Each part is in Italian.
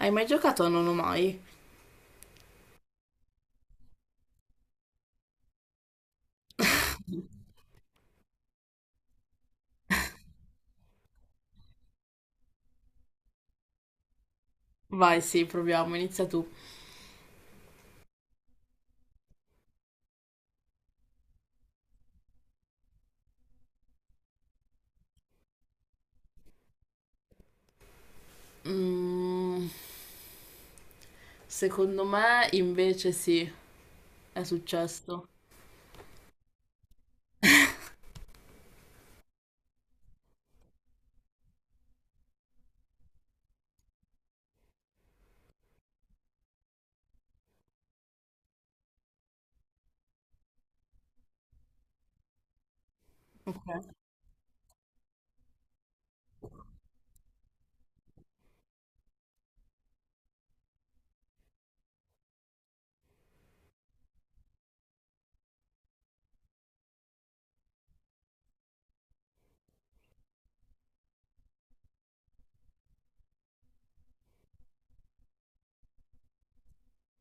Hai mai giocato a Non ho mai? Vai, sì, proviamo, inizia tu. Mm, secondo me invece sì, è successo. Ok.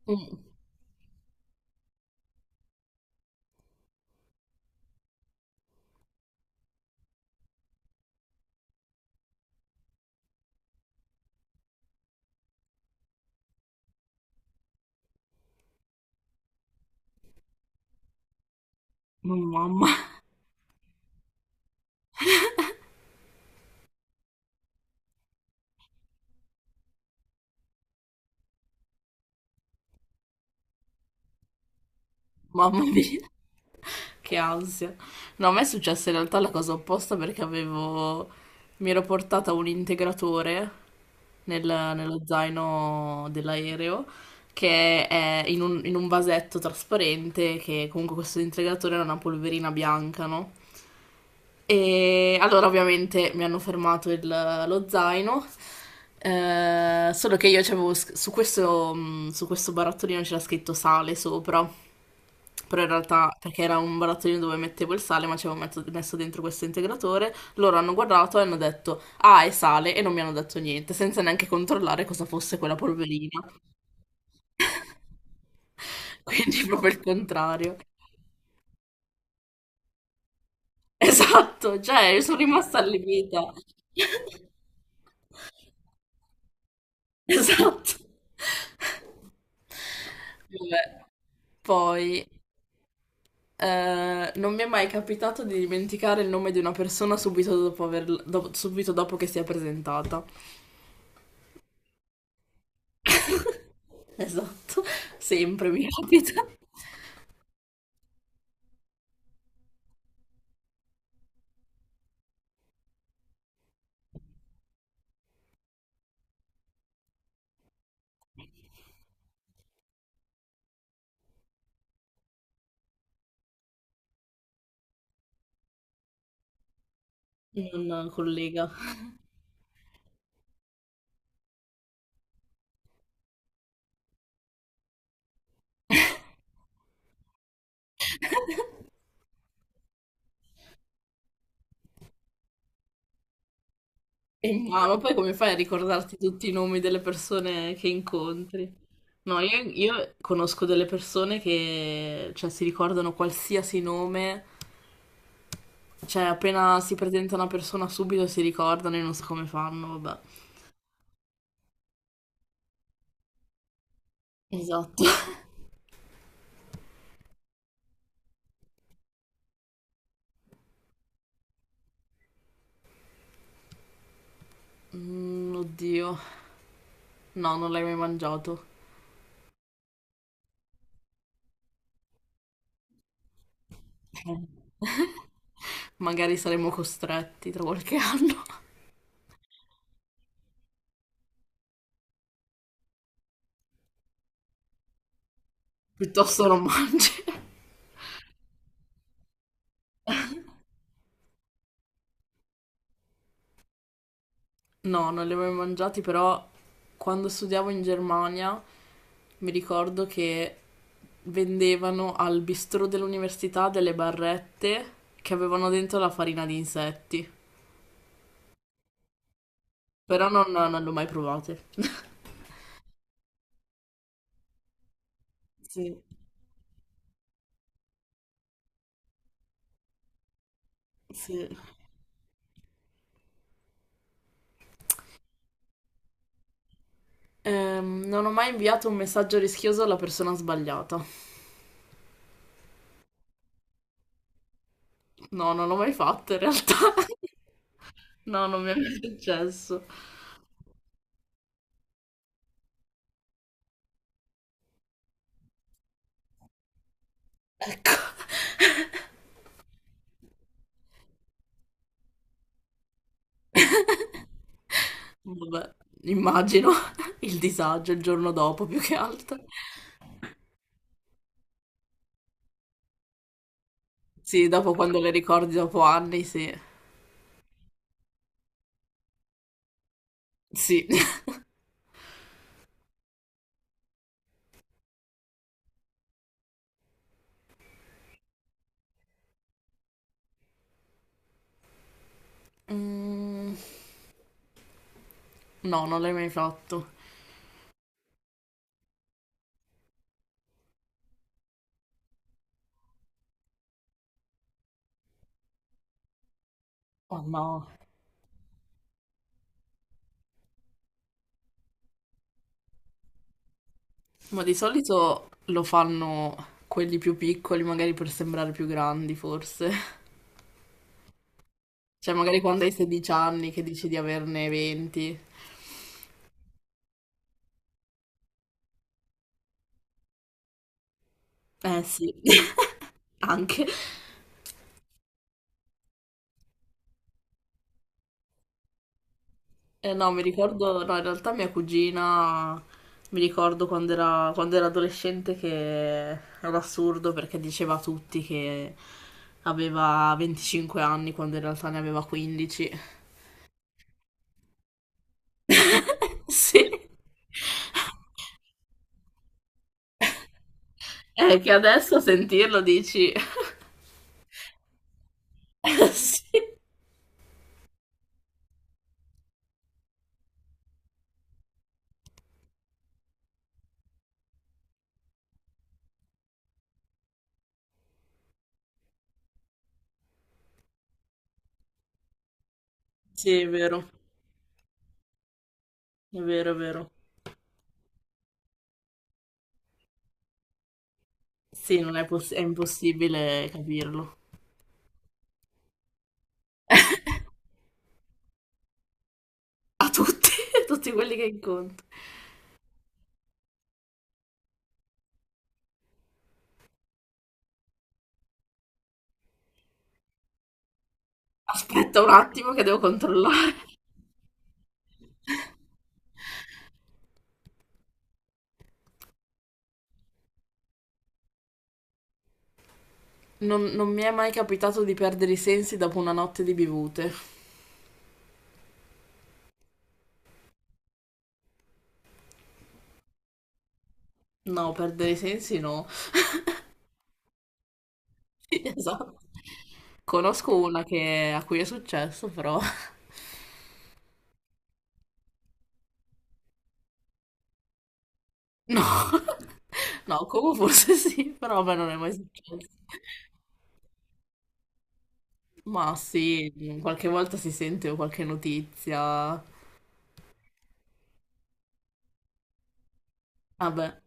Mm, mamma, mamma mia, che ansia. No, a me è successa in realtà la cosa opposta perché avevo... mi ero portata un integratore nello zaino dell'aereo che è in un vasetto trasparente che comunque questo integratore era una polverina bianca, no? E allora ovviamente mi hanno fermato lo zaino, solo che io c'avevo su questo barattolino c'era scritto sale sopra, però in realtà perché era un barattolino dove mettevo il sale ma ci avevo messo dentro questo integratore, loro hanno guardato e hanno detto ah è sale e non mi hanno detto niente senza neanche controllare cosa fosse quella polverina, quindi proprio il contrario. Esatto, cioè sono rimasta allibita. Esatto. Vabbè. Poi, non mi è mai capitato di dimenticare il nome di una persona subito dopo che si è presentata. Esatto, sempre mi capita. Non collega. E no, ma poi come fai a ricordarti tutti i nomi delle persone che incontri? No, io conosco delle persone che, cioè, si ricordano qualsiasi nome, cioè, appena si presenta una persona subito si ricordano e non so come fanno, vabbè. Esatto. Mm, oddio. No, non l'hai mai mangiato. Eh. Magari saremo costretti tra qualche anno. Piuttosto non mangi. No, non li ho mai mangiati, però quando studiavo in Germania mi ricordo che vendevano al bistrò dell'università delle barrette che avevano dentro la farina di insetti, però non le ho mai provate. Sì, sì. Non ho mai inviato un messaggio rischioso alla persona sbagliata. No, non l'ho mai fatto in realtà. No, non mi è mai successo. Ecco. Vabbè, immagino il disagio il giorno dopo più che altro. Sì, dopo quando le ricordi dopo anni, sì. Sì. Mm, no, non l'hai mai fatto. Oh no. Ma di solito lo fanno quelli più piccoli, magari per sembrare più grandi, forse. Cioè, magari quando hai 16 anni che dici di averne 20. Eh sì, anche. No, mi ricordo, no, in realtà mia cugina, mi ricordo quando era adolescente che era assurdo perché diceva a tutti che aveva 25 anni quando in realtà ne aveva 15. Sì. È che adesso a sentirlo dici... Sì, sì, è vero, è vero. Sì, non è, poss- è impossibile capirlo. A tutti, a tutti quelli che incontro. Aspetta un attimo che devo controllare. Non mi è mai capitato di perdere i sensi dopo una notte di bevute. No, perdere i sensi no. Sì, esatto. Conosco una a cui è successo, però... No, no, come forse sì, però a me non è mai successo. Ma sì, qualche volta si sente qualche notizia. Vabbè,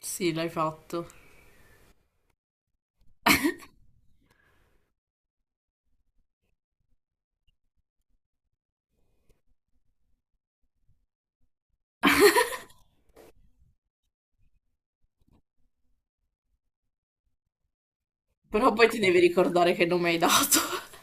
sì, l'hai fatto. Però poi ti devi ricordare che nome hai dato.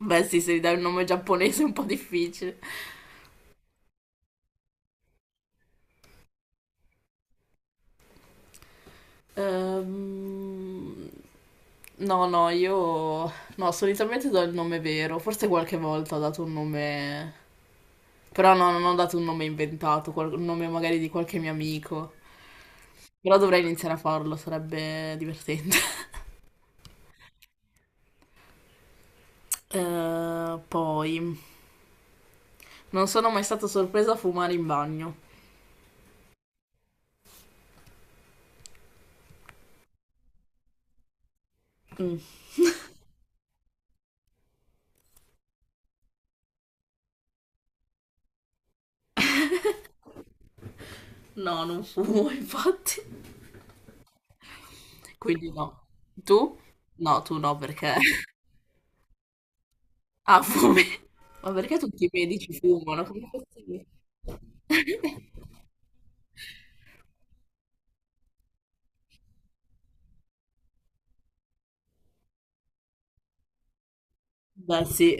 Beh, sì, se gli dai un nome giapponese è un po' difficile. Ehm, No, no, io... No, solitamente do il nome vero. Forse qualche volta ho dato un nome... Però no, non ho dato un nome inventato, un nome magari di qualche mio amico. Però dovrei iniziare a farlo, sarebbe divertente. Poi... Non sono mai stata sorpresa a fumare in bagno. Mm, No, non fumo, infatti. Quindi no. Tu? No, tu no, perché... Ha fame. Ma perché tutti i medici fumano? Come è possibile? Beh, sì.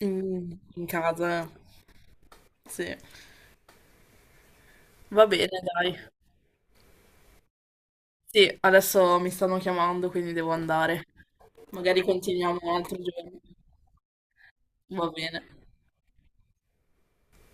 Mm, in casa, eh. Sì. Va bene, dai. Sì, adesso mi stanno chiamando, quindi devo andare. Magari continuiamo un altro giorno. Va bene.